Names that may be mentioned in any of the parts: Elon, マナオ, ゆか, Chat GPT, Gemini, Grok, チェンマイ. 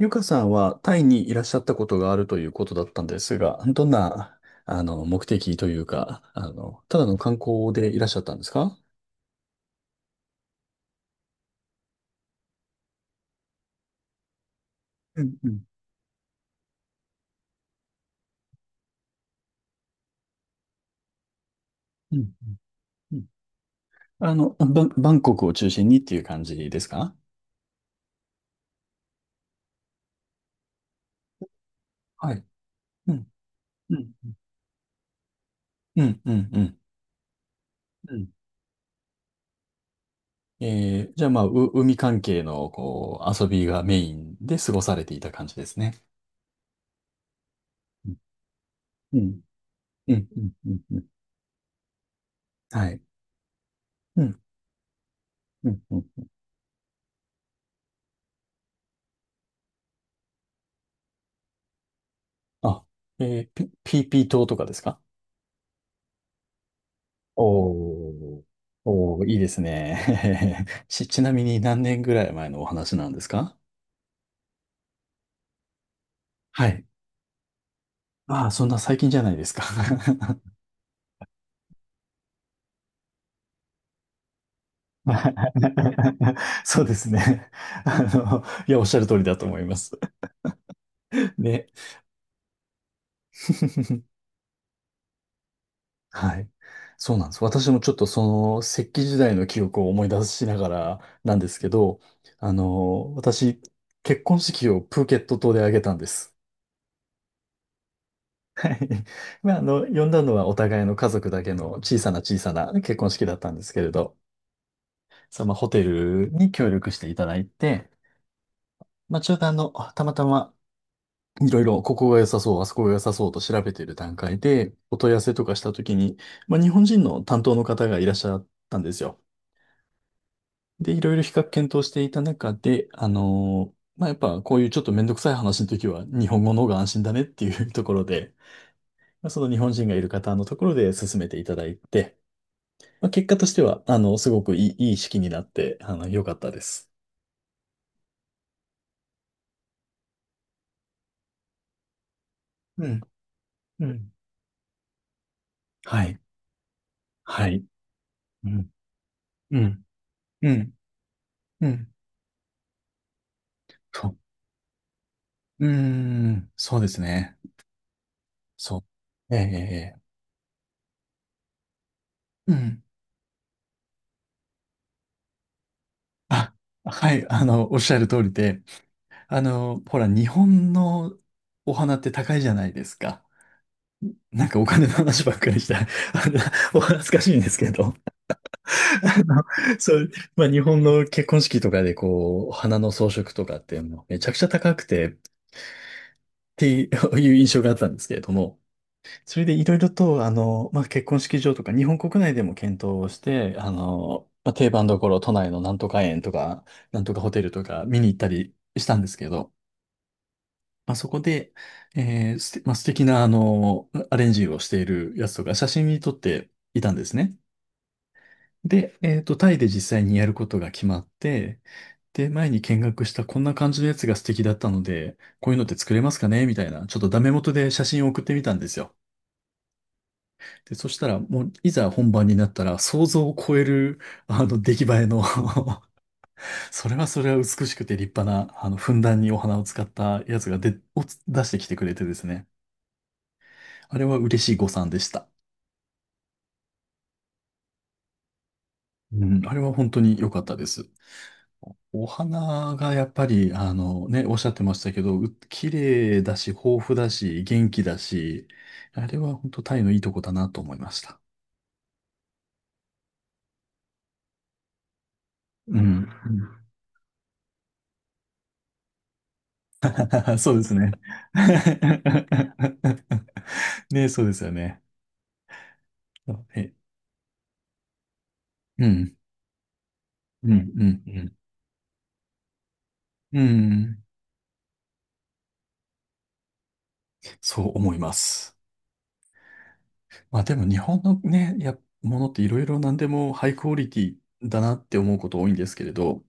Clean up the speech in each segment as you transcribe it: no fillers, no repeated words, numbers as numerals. ゆかさんはタイにいらっしゃったことがあるということだったんですが、どんな、目的というか、ただの観光でいらっしゃったんですか？うん。うん。うん。うん。うん。バンコクを中心にっていう感じですか？はい。うん、うん、うん、うん、うん。うん。じゃあ、まあ、海関係の、こう、遊びがメインで過ごされていた感じですね。うん、うん、うん、うん、うん。はい。うん、うん、うん。あ、ピーピー島とかですか？おー、おー、いいですね。ちなみに何年ぐらい前のお話なんですか？はい。ああ、そんな最近じゃないですか。そうですね。いや、おっしゃる通りだと思います。ね。はい。そうなんです。私もちょっとその石器時代の記憶を思い出しながらなんですけど、私、結婚式をプーケット島で挙げたんです。はい。まあ、呼んだのはお互いの家族だけの小さな小さな結婚式だったんですけれど、そのホテルに協力していただいて、まあ、ちょうどたまたまいろいろここが良さそう、あそこが良さそうと調べている段階で、お問い合わせとかしたときに、まあ、日本人の担当の方がいらっしゃったんですよ。で、いろいろ比較検討していた中で、まあ、やっぱこういうちょっとめんどくさい話の時は日本語の方が安心だねっていうところで、まあその日本人がいる方のところで進めていただいて、まあ、結果としては、すごくいい、いい式になって、良かったです。うん、うん、はい。はい。うん。うん、うん、うん、そう。うーん。そうですね。そう。ええ、ええ、ええうん。あ、はい、おっしゃる通りで、ほら、日本のお花って高いじゃないですか。なんかお金の話ばっかりした。のお恥ずかしいんですけど。そう、まあ日本の結婚式とかでこう、花の装飾とかってもうめちゃくちゃ高くてっていう印象があったんですけれども、それでいろいろとまあ結婚式場とか日本国内でも検討をして、まあ、定番どころ都内のなんとか園とか、なんとかホテルとか見に行ったりしたんですけど、まあそこで、まあ、素敵なアレンジをしているやつとか写真に撮っていたんですね。で、タイで実際にやることが決まって、で、前に見学したこんな感じのやつが素敵だったので、こういうのって作れますかねみたいな、ちょっとダメ元で写真を送ってみたんですよ。で、そしたら、もう、いざ本番になったら、想像を超える、出来栄えの それはそれは美しくて立派な、ふんだんにお花を使ったやつを出してきてくれてですね。あれは嬉しい誤算でした。うん、あれは本当に良かったです。お花がやっぱり、あのね、おっしゃってましたけど、綺麗だし、豊富だし、元気だし、あれは本当タイのいいとこだなと思いました。うん。うん。 そうですね。ね、そうですよね。え、うん、うん、うん、うん。うん。そう思います。まあでも日本のね、ものっていろいろ何でもハイクオリティだなって思うこと多いんですけれど、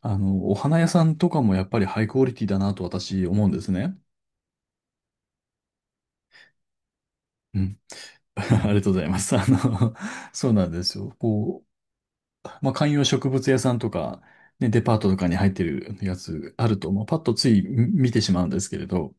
お花屋さんとかもやっぱりハイクオリティだなと私思うんですね。うん。ありがとうございます。そうなんですよ。こう、まあ、観葉植物屋さんとか、ね、デパートとかに入ってるやつあると、まあ、パッとつい見てしまうんですけれど、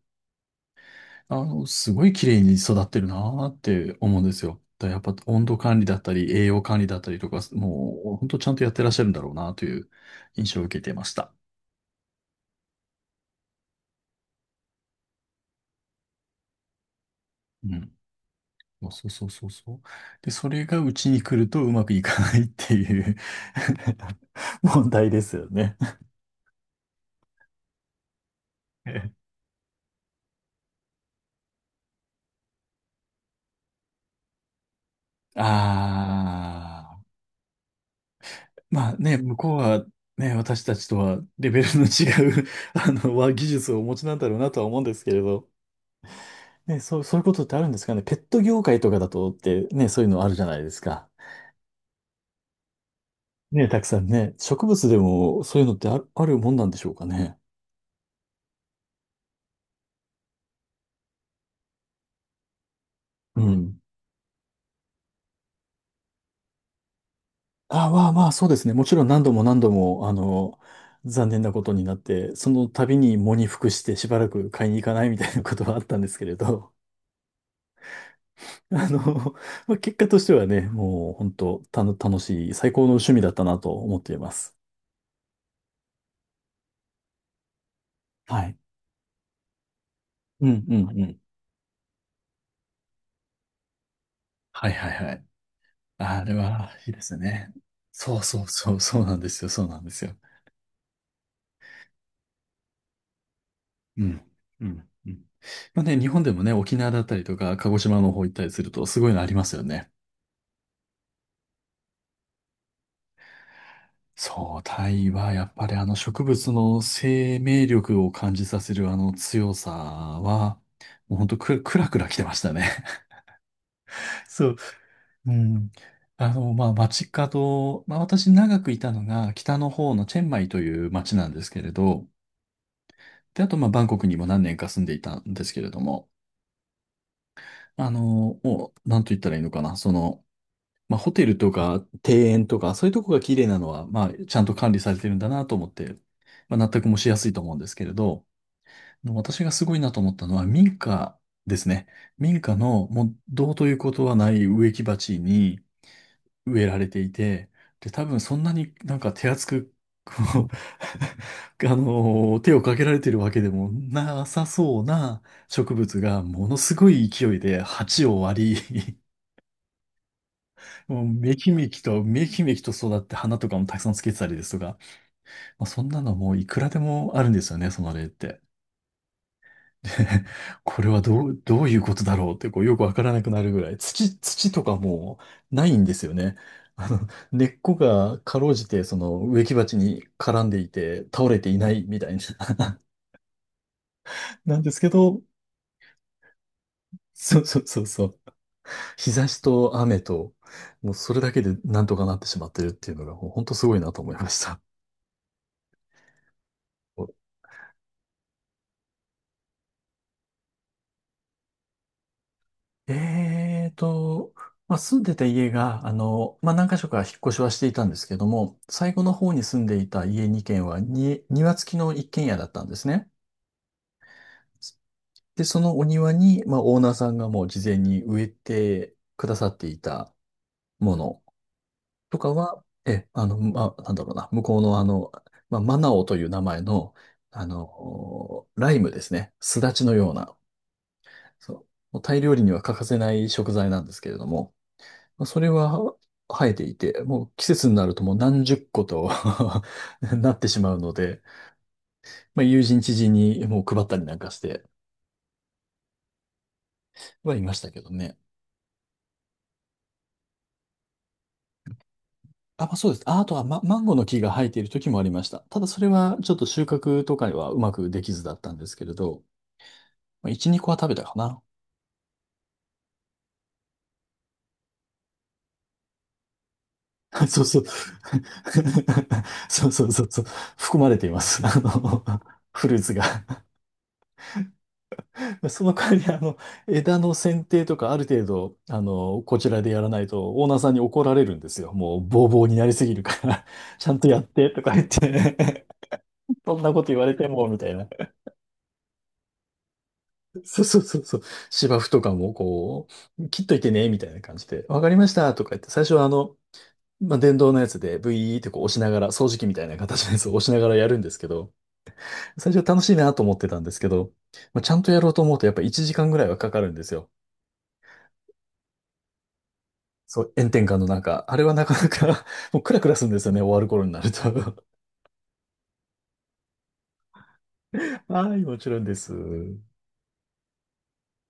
すごい綺麗に育ってるなーって思うんですよ。だからやっぱ温度管理だったり、栄養管理だったりとか、もう本当ちゃんとやってらっしゃるんだろうなという印象を受けていました。うん。そうそうそうそうそう。で、それがうちに来るとうまくいかないっていう 問題ですよね。ああ、まあね、向こうはね、私たちとはレベルの違う 技術をお持ちなんだろうなとは思うんですけれど。ね、そういうことってあるんですかね。ペット業界とかだとってね、そういうのあるじゃないですか。ね、たくさんね、植物でもそういうのってあるもんなんでしょうかね。うん。あ、まあまあ、そうですね。もちろん何度も何度も、残念なことになって、その度に喪に服してしばらく買いに行かないみたいなことはあったんですけれど、あの、まあ、結果としてはね、もう本当楽しい、最高の趣味だったなと思っています。はい。うんうんうん。はいはいはい。あれは、いいですね。そうそうそう、そうなんですよ、そうなんですよ。うん。うんうん。まあね、日本でもね、沖縄だったりとか、鹿児島の方行ったりすると、すごいのありますよね。そう、タイはやっぱりあの植物の生命力を感じさせるあの強さは、もうほんとく、くらくら来てましたね。そう、うん。まあ、街角、まあ、私長くいたのが北の方のチェンマイという街なんですけれど、で、あと、まあ、バンコクにも何年か住んでいたんですけれども、もう、なんと言ったらいいのかな、その、まあ、ホテルとか庭園とか、そういうとこが綺麗なのは、まあ、ちゃんと管理されてるんだなと思って、まあ、納得もしやすいと思うんですけれど、私がすごいなと思ったのは民家ですね。民家のもうどうということはない植木鉢に植えられていて、で、多分そんなになんか手厚く、こう 手をかけられてるわけでもなさそうな植物がものすごい勢いで鉢を割り もうめきめきと、めきめきと育って花とかもたくさんつけてたりですとか、まあ、そんなのもういくらでもあるんですよね、その例って。これはどういうことだろうってこうよくわからなくなるぐらい、土とかもうないんですよね。あの、根っこがかろうじてその植木鉢に絡んでいて倒れていないみたいな。なんですけど、そうそうそうそう。日差しと雨と、もうそれだけでなんとかなってしまってるっていうのが、もう本当すごいなと思いました。えーと、まあ、住んでた家が、まあ、何箇所か引っ越しはしていたんですけども、最後の方に住んでいた家2軒はに、庭付きの一軒家だったんですね。で、そのお庭に、まあ、オーナーさんがもう事前に植えてくださっていたものとかは、まあ、なんだろうな、向こうのまあ、マナオという名前の、ライムですね。すだちのような、そう、もうタイ料理には欠かせない食材なんですけれども、まあそれは生えていて、もう季節になるともう何十個と なってしまうので、まあ、友人知人にもう配ったりなんかしてはいましたけどね。あ、まあ、そうです。あ、あとは、マンゴーの木が生えている時もありました。ただそれはちょっと収穫とかにはうまくできずだったんですけれど、まあ、1、2個は食べたかな。そうそう。そうそうそうそう。含まれています。フルーツが。その代わり、枝の剪定とかある程度、こちらでやらないと、オーナーさんに怒られるんですよ。もう、ボーボーになりすぎるから ちゃんとやって、とか言って そんなこと言われても、みたいな。そうそうそうそう。芝生とかも、こう、切っといてね、みたいな感じで、わかりました、とか言って、最初はまあ、電動のやつで、ブイーってこう押しながら、掃除機みたいな形のやつを押しながらやるんですけど、最初は楽しいなと思ってたんですけど、まあ、ちゃんとやろうと思うと、やっぱ1時間ぐらいはかかるんですよ。そう、炎天下の中、あれはなかなか もうクラクラするんですよね、終わる頃になると。はい、もちろんです。